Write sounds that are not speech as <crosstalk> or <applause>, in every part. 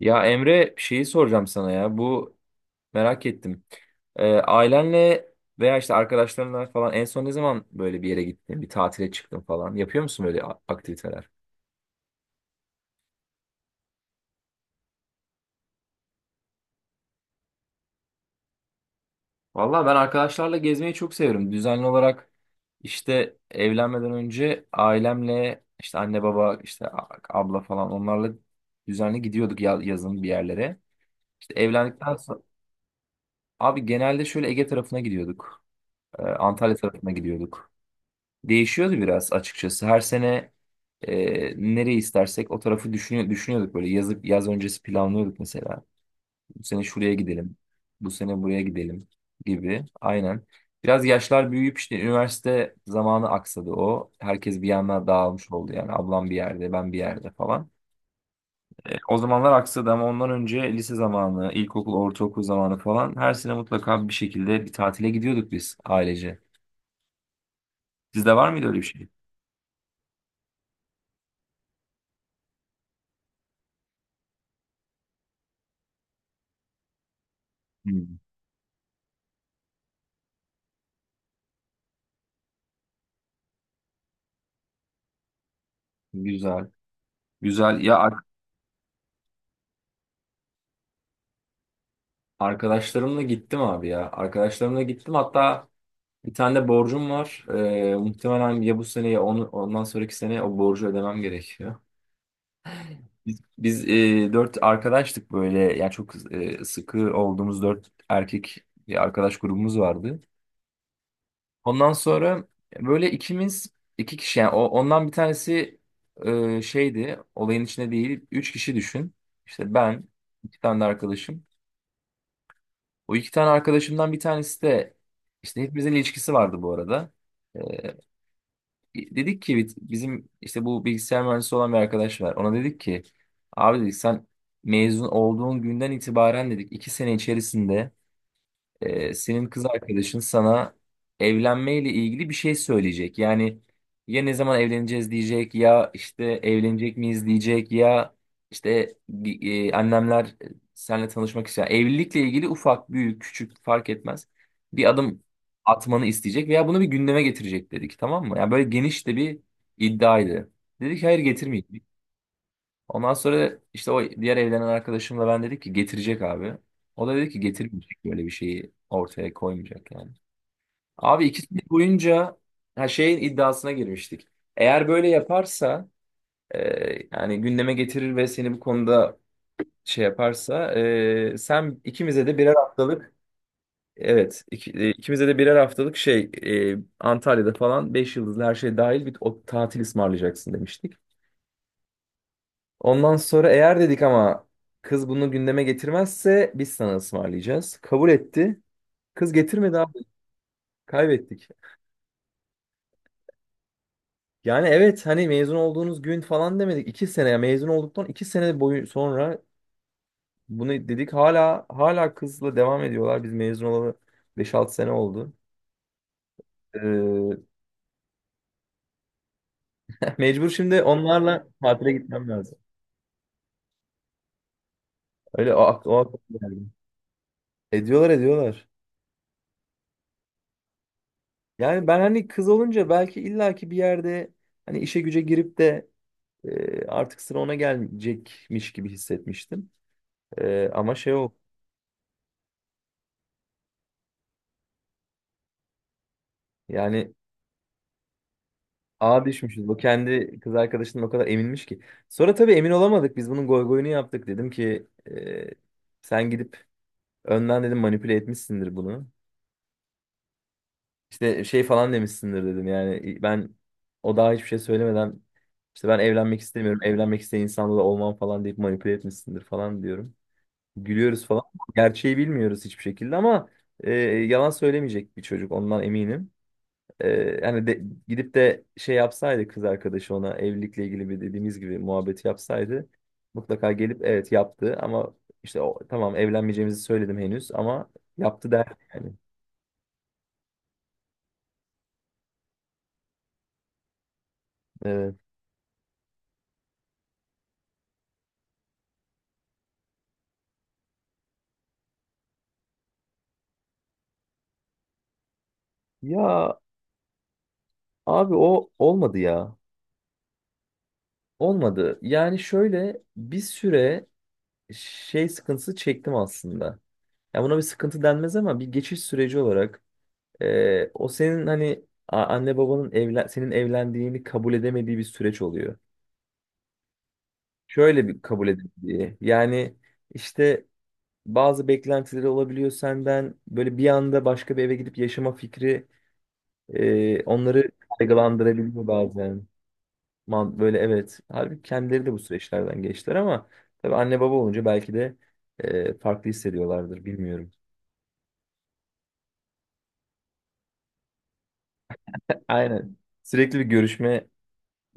Ya Emre şeyi soracağım sana ya. Bu merak ettim. Ailenle veya işte arkadaşlarınla falan en son ne zaman böyle bir yere gittin, bir tatile çıktın falan? Yapıyor musun böyle aktiviteler? Valla ben arkadaşlarla gezmeyi çok severim. Düzenli olarak işte evlenmeden önce ailemle işte anne baba işte abla falan onlarla düzenli gidiyorduk yazın bir yerlere. İşte evlendikten sonra abi genelde şöyle Ege tarafına gidiyorduk. Antalya tarafına gidiyorduk. Değişiyordu biraz açıkçası. Her sene nereyi istersek o tarafı düşünüyorduk böyle. Yazıp yaz öncesi planlıyorduk mesela. Bu sene şuraya gidelim. Bu sene buraya gidelim gibi. Aynen. Biraz yaşlar büyüyüp işte üniversite zamanı aksadı o. Herkes bir yana dağılmış oldu yani. Ablam bir yerde, ben bir yerde falan. O zamanlar aksadı ama ondan önce lise zamanı, ilkokul, ortaokul zamanı falan her sene mutlaka bir şekilde bir tatile gidiyorduk biz ailece. Sizde var mıydı öyle bir şey? Hmm, güzel. Güzel. Arkadaşlarımla gittim abi ya. Arkadaşlarımla gittim. Hatta bir tane de borcum var. Muhtemelen ya bu sene ya onu, ondan sonraki sene o borcu ödemem gerekiyor. Biz dört arkadaştık böyle. Yani çok sıkı olduğumuz dört erkek bir arkadaş grubumuz vardı. Ondan sonra böyle ikimiz iki kişi yani ondan bir tanesi şeydi, olayın içinde değil. Üç kişi düşün. İşte ben iki tane de arkadaşım. O iki tane arkadaşımdan bir tanesi de işte hepimizin ilişkisi vardı bu arada. Ee, Dedik ki bizim işte bu bilgisayar mühendisi olan bir arkadaş var. Ona dedik ki abi dedik sen mezun olduğun günden itibaren dedik 2 sene içerisinde senin kız arkadaşın sana evlenmeyle ilgili bir şey söyleyecek. Yani ya ne zaman evleneceğiz diyecek, ya işte evlenecek miyiz diyecek, ya işte annemler seninle tanışmak istiyor. Evlilikle ilgili ufak, büyük, küçük fark etmez. Bir adım atmanı isteyecek veya bunu bir gündeme getirecek dedik, tamam mı? Yani böyle geniş de bir iddiaydı. Dedik hayır, getirmeyeceğiz. Ondan sonra işte o diğer evlenen arkadaşımla ben dedik ki getirecek abi. O da dedi ki getirmeyecek, böyle bir şeyi ortaya koymayacak yani. Abi 2 sene boyunca her şeyin iddiasına girmiştik. Eğer böyle yaparsa e, yani gündeme getirir ve seni bu konuda şey yaparsa, sen ikimize de birer haftalık, evet, ikimize de birer haftalık şey, Antalya'da falan 5 yıldızlı her şey dahil bir o tatil ısmarlayacaksın demiştik. Ondan sonra eğer dedik ama kız bunu gündeme getirmezse biz sana ısmarlayacağız. Kabul etti. Kız getirmedi abi. Kaybettik. Yani evet, hani mezun olduğunuz gün falan demedik. 2 sene ya, mezun olduktan 2 sene boyu sonra bunu dedik. Hala kızla devam ediyorlar. Biz mezun olalı beş altı sene oldu. Ee, <laughs> Mecbur şimdi onlarla tatile gitmem lazım. Öyle o aklıma geldi. Ediyorlar ediyorlar. Yani ben hani kız olunca belki illaki bir yerde hani işe güce girip de artık sıra ona gelecekmiş gibi hissetmiştim. Ama şey, o yani ağa düşmüşüz. Bu kendi kız arkadaşından o kadar eminmiş ki. Sonra tabii emin olamadık. Biz bunun goy goyunu yaptık. Dedim ki sen gidip önden dedim manipüle etmişsindir bunu. İşte şey falan demişsindir dedim. Yani ben, o daha hiçbir şey söylemeden işte ben evlenmek istemiyorum, evlenmek isteyen insanla da olmam falan deyip manipüle etmişsindir falan diyorum. Gülüyoruz falan. Gerçeği bilmiyoruz hiçbir şekilde ama yalan söylemeyecek bir çocuk, ondan eminim. E, Yani gidip de şey yapsaydı, kız arkadaşı ona evlilikle ilgili bir dediğimiz gibi muhabbeti yapsaydı mutlaka gelip evet yaptı ama işte o, tamam evlenmeyeceğimizi söyledim henüz ama yaptı der yani. Evet. Ya abi, o olmadı ya. Olmadı. Yani şöyle bir süre şey sıkıntısı çektim aslında. Ya buna bir sıkıntı denmez ama bir geçiş süreci olarak, o senin hani anne babanın senin evlendiğini kabul edemediği bir süreç oluyor. Şöyle bir kabul edildiği. Yani işte bazı beklentileri olabiliyor senden. Böyle bir anda başka bir eve gidip yaşama fikri onları kaygılandırabiliyor bazen. Man, böyle evet. Halbuki kendileri de bu süreçlerden geçtiler ama tabii anne baba olunca belki de farklı hissediyorlardır, bilmiyorum. Aynen. Sürekli bir görüşme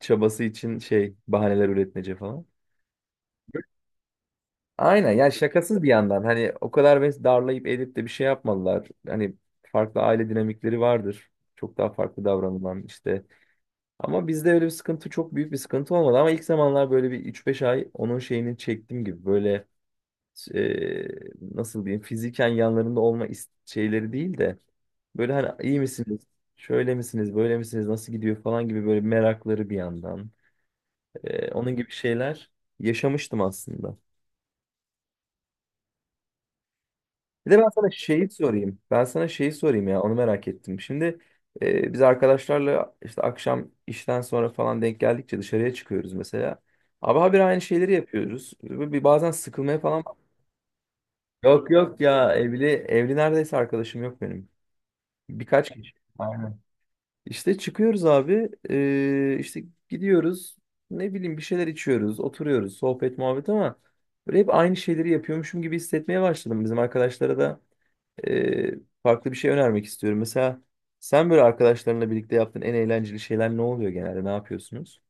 çabası için şey bahaneler üretmece falan. Aynen, yani şakasız bir yandan hani o kadar ve darlayıp edip de bir şey yapmadılar. Hani farklı aile dinamikleri vardır. Çok daha farklı davranılan işte. Ama bizde öyle bir sıkıntı, çok büyük bir sıkıntı olmadı. Ama ilk zamanlar böyle bir üç beş ay onun şeyini çektiğim gibi böyle, e, nasıl diyeyim, fiziken yanlarında olma şeyleri değil de böyle hani iyi misiniz? Şöyle misiniz? Böyle misiniz? Nasıl gidiyor falan gibi böyle merakları bir yandan. Onun gibi şeyler yaşamıştım aslında. Bir de ben sana şeyi sorayım. Ben sana şeyi sorayım ya, onu merak ettim. Şimdi biz arkadaşlarla işte akşam işten sonra falan denk geldikçe dışarıya çıkıyoruz mesela. Abi, habire aynı şeyleri yapıyoruz. Ve bir bazen sıkılmaya falan. Yok yok ya, evli evli neredeyse arkadaşım yok benim. Birkaç kişi. Aynen. İşte çıkıyoruz abi. İşte gidiyoruz. Ne bileyim, bir şeyler içiyoruz, oturuyoruz, sohbet muhabbet, ama böyle hep aynı şeyleri yapıyormuşum gibi hissetmeye başladım. Bizim arkadaşlara da e, farklı bir şey önermek istiyorum. Mesela sen böyle arkadaşlarınla birlikte yaptığın en eğlenceli şeyler ne oluyor genelde? Ne yapıyorsunuz?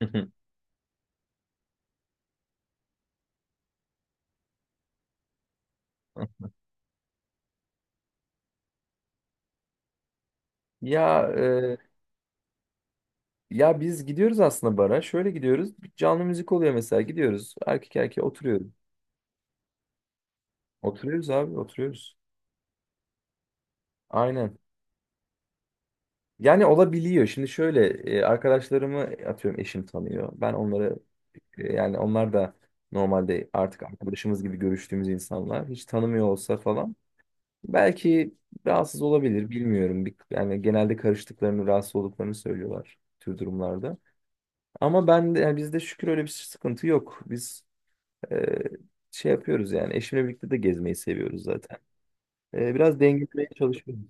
<laughs> Ya ya biz gidiyoruz aslında bara. Şöyle gidiyoruz. Bir canlı müzik oluyor mesela. Gidiyoruz. Erkek erkeğe oturuyoruz. Oturuyoruz abi, oturuyoruz. Aynen. Yani olabiliyor. Şimdi şöyle arkadaşlarımı atıyorum eşim tanıyor. Ben onları yani onlar da normalde artık arkadaşımız gibi görüştüğümüz insanlar. Hiç tanımıyor olsa falan. Belki rahatsız olabilir, bilmiyorum. Bir, yani genelde karıştıklarını, rahatsız olduklarını söylüyorlar tür durumlarda. Ama ben de, yani bizde şükür öyle bir sıkıntı yok. Biz e, şey yapıyoruz yani, eşimle birlikte de gezmeyi seviyoruz zaten. Biraz dengelemeye çalışıyoruz.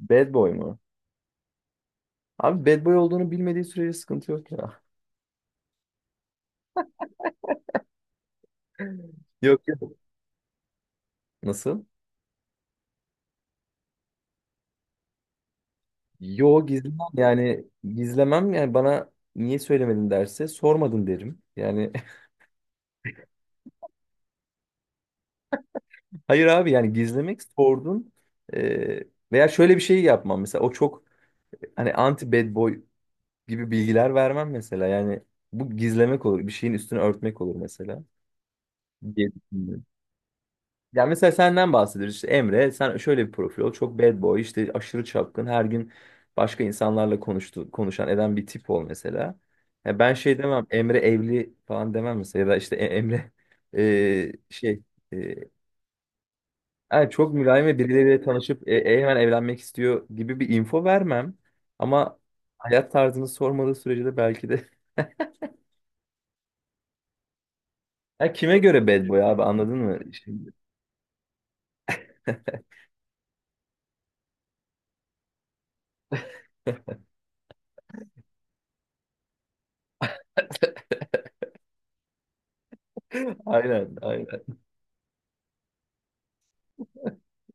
Bad boy mu? Abi, bad boy olduğunu bilmediği sürece sıkıntı yok ya. Yok yok. Nasıl? Yo gizlemem, yani gizlemem yani, bana niye söylemedin derse sormadın derim. Yani hayır abi, yani gizlemek sordun. Ee, Veya şöyle bir şey yapmam mesela, o çok hani anti bad boy gibi bilgiler vermem mesela. Yani bu gizlemek olur, bir şeyin üstünü örtmek olur mesela diye düşünüyorum. Yani mesela senden bahsediyoruz işte, Emre sen şöyle bir profil ol, çok bad boy, işte aşırı çapkın, her gün başka insanlarla konuşan eden bir tip ol mesela. Ya ben şey demem, Emre evli falan demem mesela, ya da işte Emre <laughs> şey, e, yani çok mülayim ve birileriyle tanışıp hemen evlenmek istiyor gibi bir info vermem. Ama hayat tarzını sormadığı sürece de belki de. <laughs> Ya kime göre bad boy abi, anladın mı? Şimdi. <laughs> Aynen aynen.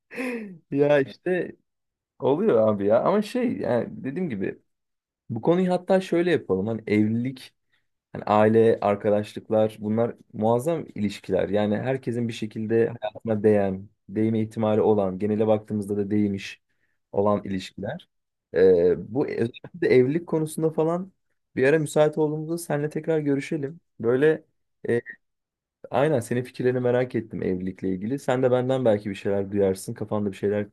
<laughs> Ya işte oluyor abi ya. Ama şey yani dediğim gibi, bu konuyu hatta şöyle yapalım. Hani evlilik, hani aile, arkadaşlıklar, bunlar muazzam ilişkiler. Yani herkesin bir şekilde hayatına değen, değme ihtimali olan, genele baktığımızda da değmiş olan ilişkiler. Bu, özellikle evlilik konusunda falan, bir ara müsait olduğumuzda seninle tekrar görüşelim. Böyle e, aynen, senin fikirlerini merak ettim evlilikle ilgili. Sen de benden belki bir şeyler duyarsın. Kafanda bir şeyler.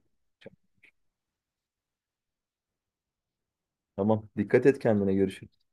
Tamam. Dikkat et kendine. Görüşürüz.